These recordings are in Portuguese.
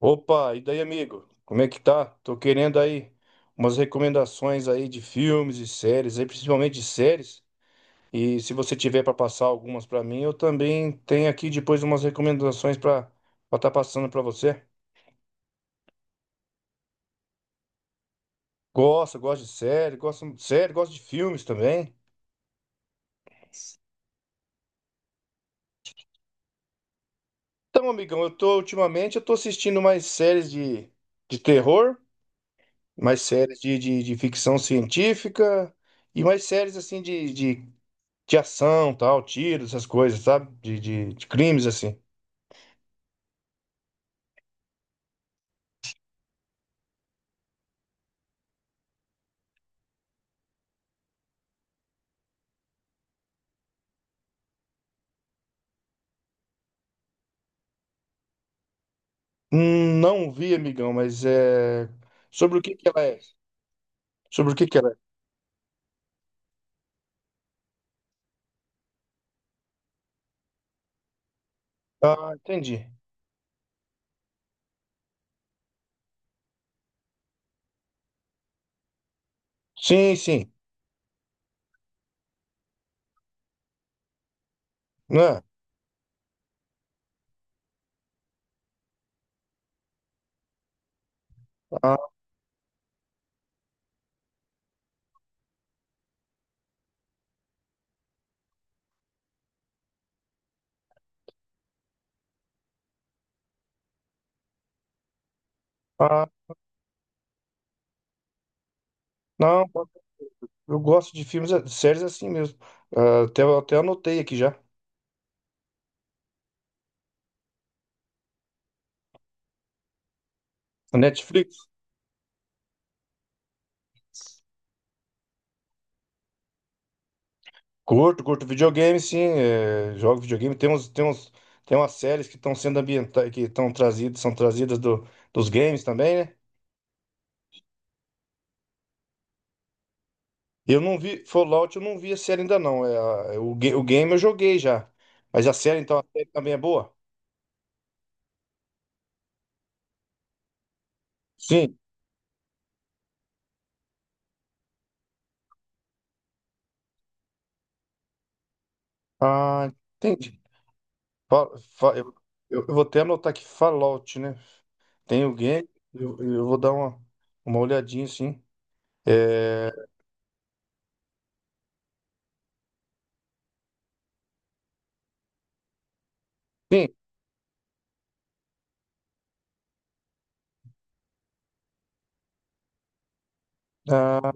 Opa, e daí, amigo? Como é que tá? Tô querendo aí umas recomendações aí de filmes e séries, aí principalmente de séries. E se você tiver para passar algumas para mim, eu também tenho aqui depois umas recomendações para estar passando para você. Gosto, gosto de série, gosto de série, gosto de filmes também. Então, amigão, eu tô ultimamente eu tô assistindo mais séries de terror, mais séries de ficção científica e mais séries assim de ação, tal, tiros, essas coisas, sabe? De crimes, assim. Não vi, amigão, mas é. Sobre o que que ela é? Sobre o que que ela é? Ah, entendi. Sim, sim. Né? Ah, ah, não, eu gosto de filmes, de séries assim mesmo. Ah, até, até anotei aqui já. A Netflix. Curto, curto videogame, sim. É, jogo videogame. Tem umas séries que estão sendo ambientadas, que estão trazidas, são trazidas dos games também, né? Eu não vi, Fallout eu não vi a série ainda não. É, é o, o game eu joguei já. Mas a série, então, a série também é boa? Sim. Ah, entendi. Fa- fa- eu, eu vou até anotar aqui Fallout, né? Tem o game, eu vou dar uma olhadinha, sim. É, sim, ah,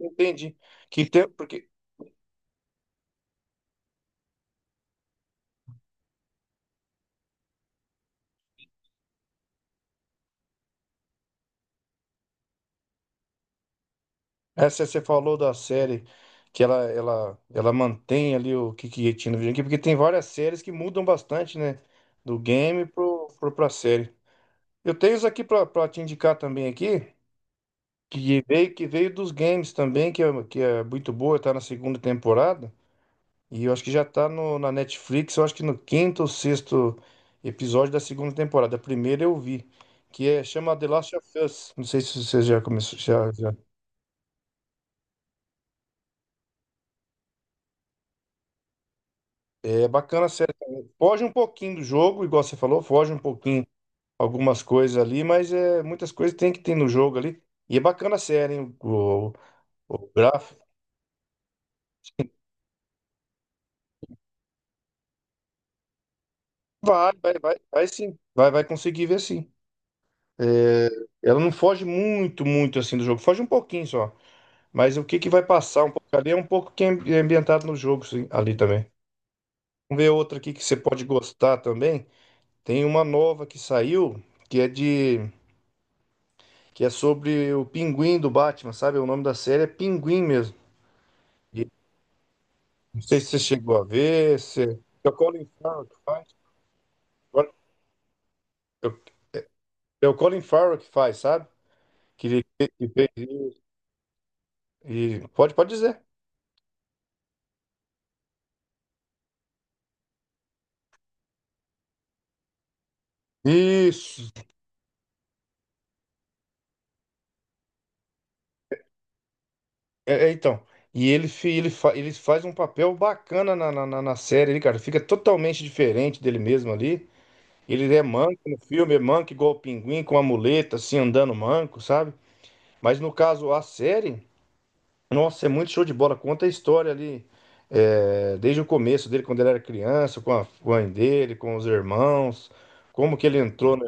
entendi. Que tem, porque essa você falou da série que ela mantém ali o que, que tinha no videogame, porque tem várias séries que mudam bastante, né? Do game pra série. Eu tenho isso aqui para te indicar também aqui, que veio dos games também, que é muito boa, tá na segunda temporada. E eu acho que já tá no, na Netflix, eu acho que no quinto ou sexto episódio da segunda temporada. A primeira eu vi, que é chama The Last of Us. Não sei se você já começou, já. É bacana a série também. Foge um pouquinho do jogo, igual você falou, foge um pouquinho algumas coisas ali, mas é, muitas coisas tem que ter no jogo ali. E é bacana a série, hein? O gráfico. Vai sim. Vai conseguir ver sim. É, ela não foge muito assim do jogo. Foge um pouquinho só. Mas o que que vai passar um pouco ali é um pouco que é é ambientado no jogo sim, ali também. Vamos ver outra aqui que você pode gostar também. Tem uma nova que saiu que é de que é sobre o Pinguim do Batman, sabe? O nome da série é Pinguim mesmo. E não sei se você chegou a ver, se é o Colin Farrell que faz. É o Colin Farrell que faz, sabe? Que, que fez e pode dizer. Isso. É, é, então. E ele, fi- ele, fa- ele faz um papel bacana na série, ele, cara. Fica totalmente diferente dele mesmo ali. Ele é manco no filme, é manco igual o pinguim, com a muleta, assim, andando manco, sabe? Mas no caso, a série, nossa, é muito show de bola. Conta a história ali, é, desde o começo dele, quando ele era criança, com a mãe dele, com os irmãos, como que ele entrou no...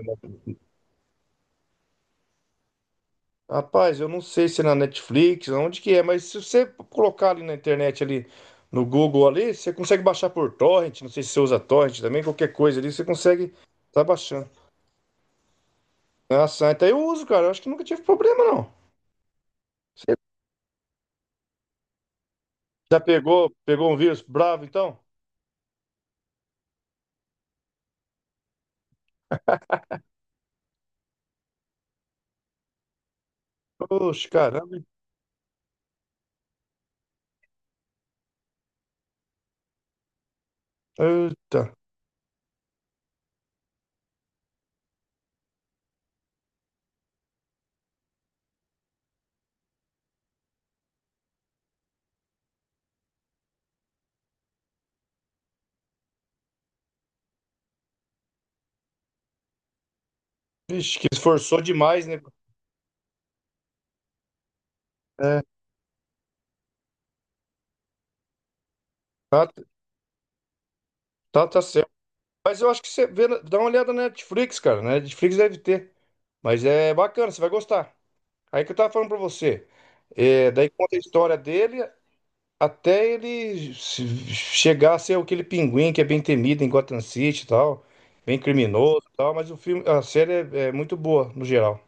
Rapaz, eu não sei se é na Netflix, onde que é, mas se você colocar ali na internet, ali no Google ali, você consegue baixar por torrent, não sei se você usa torrent também, qualquer coisa ali, você consegue tá baixando. Ah, Santa, eu uso, cara, eu acho que nunca tive problema, não. Você já pegou, pegou um vírus bravo, então? Oxe, caramba, eita. Vixe, que esforçou demais, né? É, tá, tá certo. Mas eu acho que você vê, dá uma olhada na Netflix, cara, na Netflix deve ter, mas é bacana, você vai gostar. Aí que eu tava falando pra você. É, daí conta a história dele até ele se- chegar a ser aquele pinguim que é bem temido em Gotham City e tal, bem criminoso e tal, mas o filme, a série é, é muito boa no geral.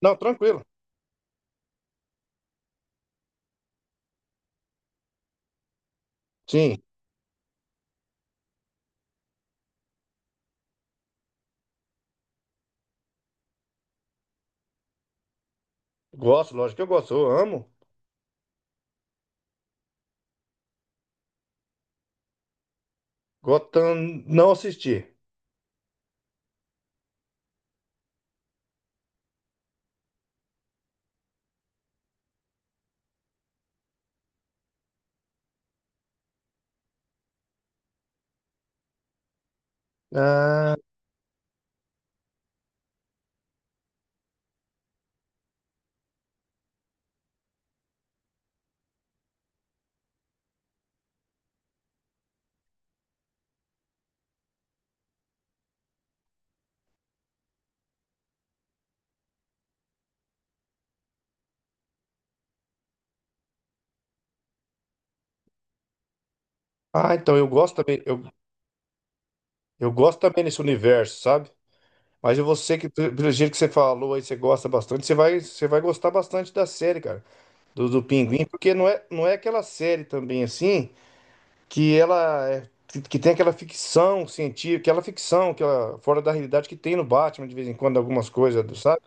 Não, tranquilo. Sim, gosto, lógico que eu gosto, eu amo. Gotham não assisti. Ah, então eu gosto também, eu gosto também desse universo, sabe? Mas você que, pelo pelo jeito que você falou aí, você gosta bastante, você vai gostar bastante da série, cara. Do, do Pinguim, porque não é, não é aquela série também assim que que tem aquela ficção científica, aquela ficção que ela fora da realidade que tem no Batman de vez em quando algumas coisas, do... sabe?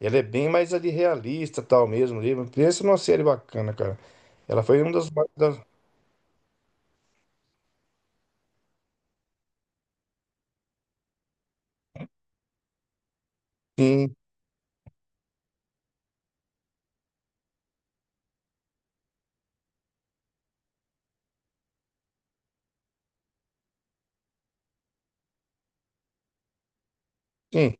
Ela é bem mais ali realista, tal mesmo, ali. Pensa numa série bacana, cara. Ela foi uma das, das... Sim, sim,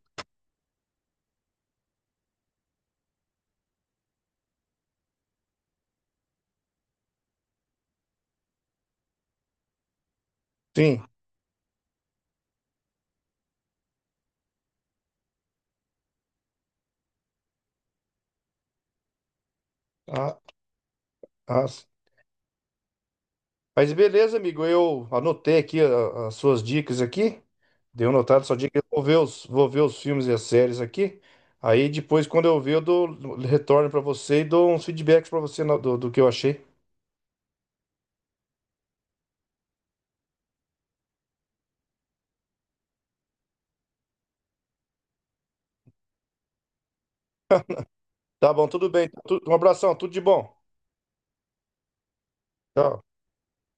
sim. Ah, ah, mas beleza, amigo, eu anotei aqui as suas dicas aqui. Deu notado sua dica, eu vou ver os filmes e as séries aqui. Aí depois, quando eu ver, eu dou, retorno pra você e dou uns feedbacks pra você do, do que eu achei. Tá bom, tudo bem. Um abração, tudo de bom. Tchau.